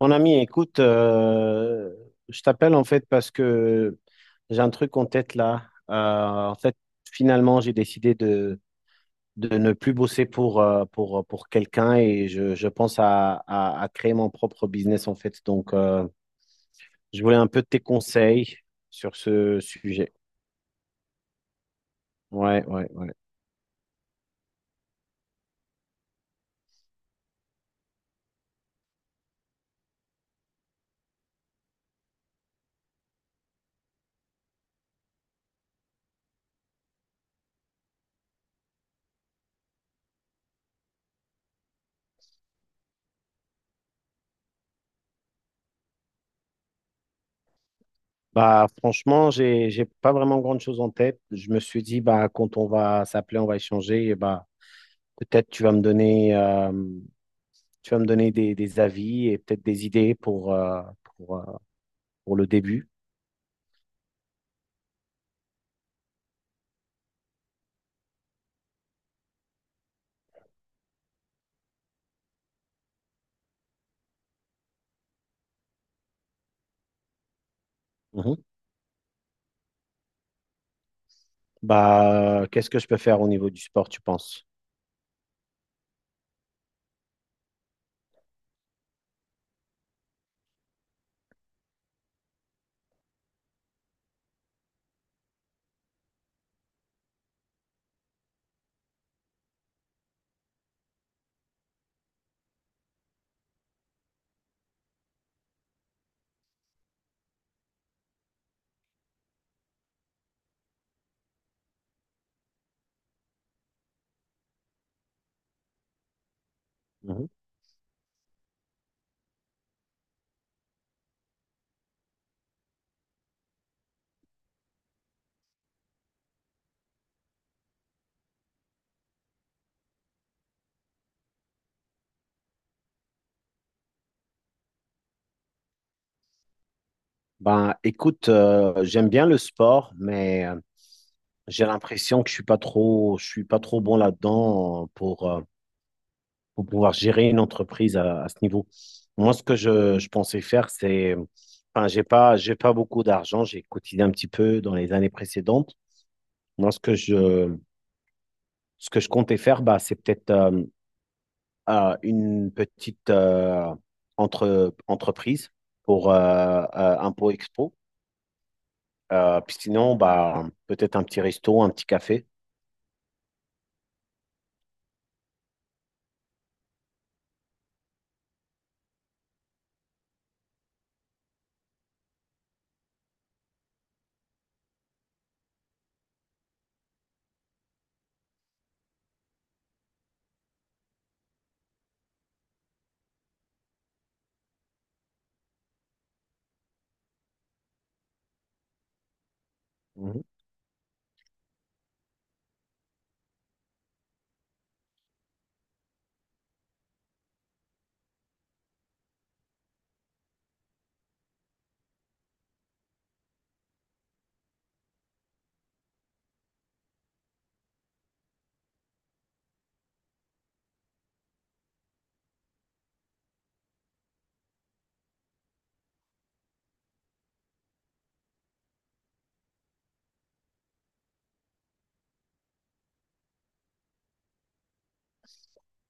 Mon ami, écoute, je t'appelle en fait parce que j'ai un truc en tête là. En fait, finalement, j'ai décidé de ne plus bosser pour quelqu'un et je pense à créer mon propre business en fait. Donc, je voulais un peu tes conseils sur ce sujet. Ouais, ouais, ouais. Bah, franchement, j'ai pas vraiment grande chose en tête. Je me suis dit, bah, quand on va s'appeler, on va échanger et bah, peut-être tu vas me donner. Tu vas me donner des avis et peut-être des idées pour, euh, pour le début. Mhm. Bah, qu'est-ce que je peux faire au niveau du sport, tu penses? Mhm. Ben, écoute, j'aime bien le sport, mais j'ai l'impression que je suis pas trop, je suis pas trop bon là-dedans pour pouvoir gérer une entreprise à ce niveau. Moi, ce que je pensais faire, c'est, enfin, j'ai pas beaucoup d'argent. J'ai cotisé un petit peu dans les années précédentes. Moi, ce que je comptais faire, bah, c'est peut-être une petite entreprise pour un pot expo. Puis sinon, bah, peut-être un petit resto, un petit café. Mhm.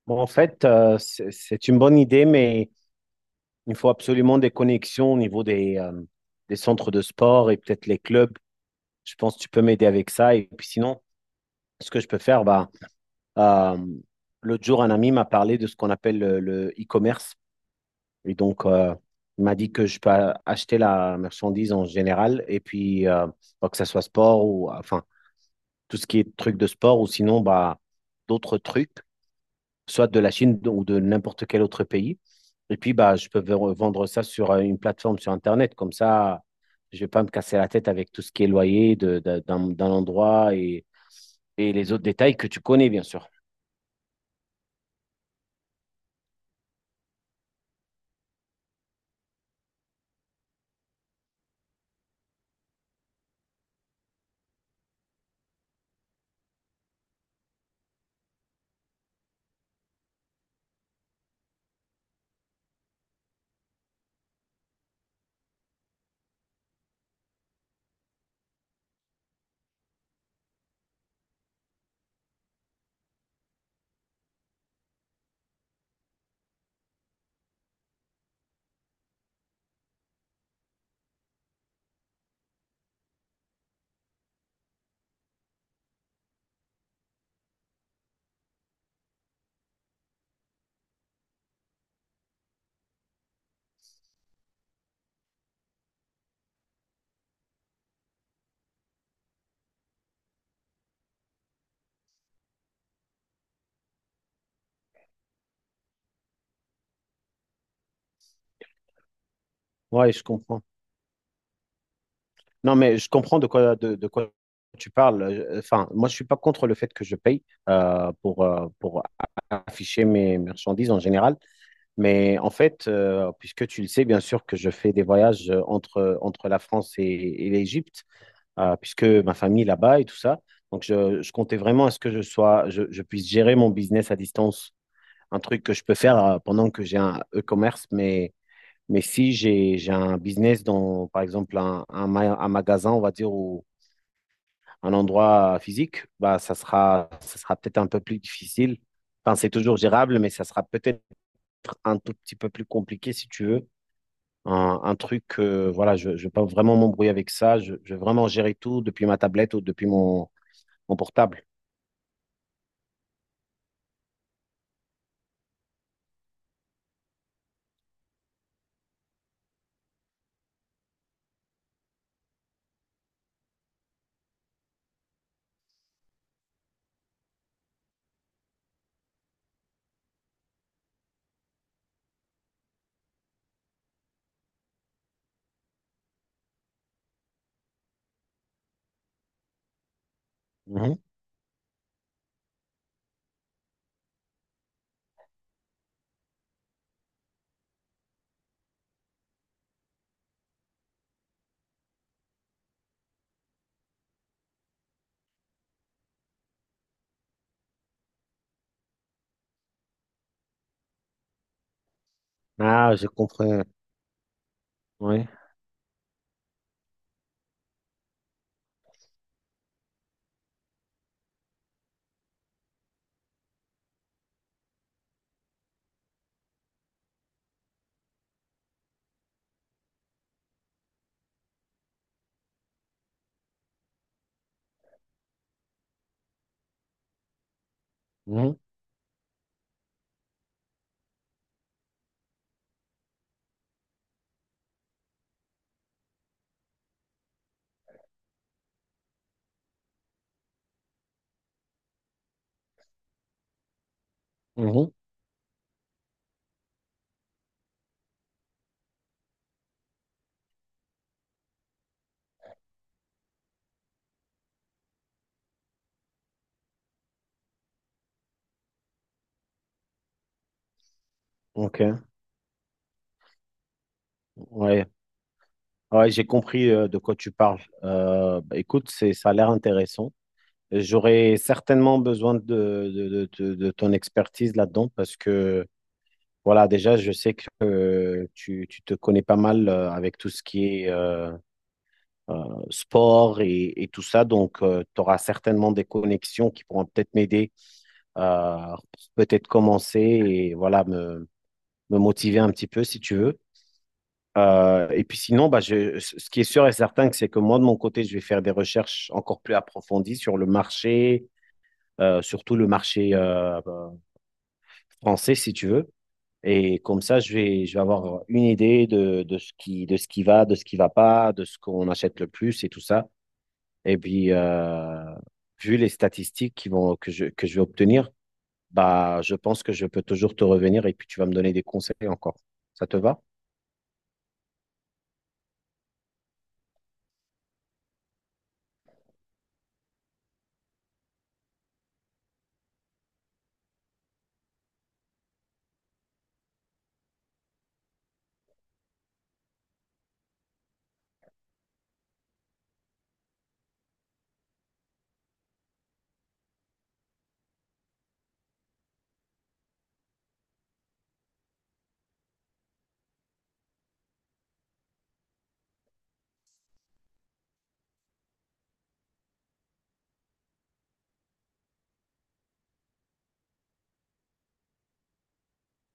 Bon, en fait, c'est une bonne idée, mais il faut absolument des connexions au niveau des centres de sport et peut-être les clubs. Je pense que tu peux m'aider avec ça. Et puis sinon, ce que je peux faire, bah, euh, l'autre jour, un ami m'a parlé de ce qu'on appelle le e-commerce. Et donc, il m'a dit que je peux acheter la marchandise en général. Et puis, bah, que ce soit sport ou enfin, tout ce qui est truc de sport ou sinon, bah, d'autres trucs, soit de la Chine ou de n'importe quel autre pays. Et puis, bah, je peux vendre ça sur une plateforme sur Internet. Comme ça, je ne vais pas me casser la tête avec tout ce qui est loyer d'un endroit et les autres détails que tu connais, bien sûr. Ouais, je comprends. Non, mais je comprends de quoi tu parles. Enfin, moi, je suis pas contre le fait que je paye pour afficher mes marchandises en général. Mais en fait, puisque tu le sais, bien sûr que je fais des voyages entre la France et l'Égypte, puisque ma famille est là-bas et tout ça. Donc, je comptais vraiment à ce que je sois, je puisse gérer mon business à distance, un truc que je peux faire pendant que j'ai un e-commerce. Mais si j'ai un business dans, par exemple, un magasin, on va dire, ou un endroit physique, bah, ça sera peut-être un peu plus difficile. Enfin, c'est toujours gérable, mais ça sera peut-être un tout petit peu plus compliqué si tu veux. Un truc, voilà, je ne veux pas vraiment m'embrouiller avec ça. Je veux vraiment gérer tout depuis ma tablette ou depuis mon, en portable. Mhm. Ah, j'ai compris. Oui. Mhm. Mhm. Ok. Ouais. Ouais, j'ai compris de quoi tu parles. Bah, écoute, c'est, ça a l'air intéressant. J'aurais certainement besoin de ton expertise là-dedans parce que, voilà, déjà, je sais que tu te connais pas mal avec tout ce qui est euh, sport et tout ça. Donc, tu auras certainement des connexions qui pourront peut-être m'aider à peut-être commencer et, voilà, me motiver un petit peu si tu veux. Et puis sinon, bah, je, ce qui est sûr et certain, c'est que moi, de mon côté, je vais faire des recherches encore plus approfondies sur le marché, surtout le marché français, si tu veux. Et comme ça, je vais avoir une idée de ce qui va, de ce qui va pas, de ce qu'on achète le plus et tout ça. Et puis, vu les statistiques qui vont, que je vais obtenir, bah, je pense que je peux toujours te revenir et puis tu vas me donner des conseils encore. Ça te va?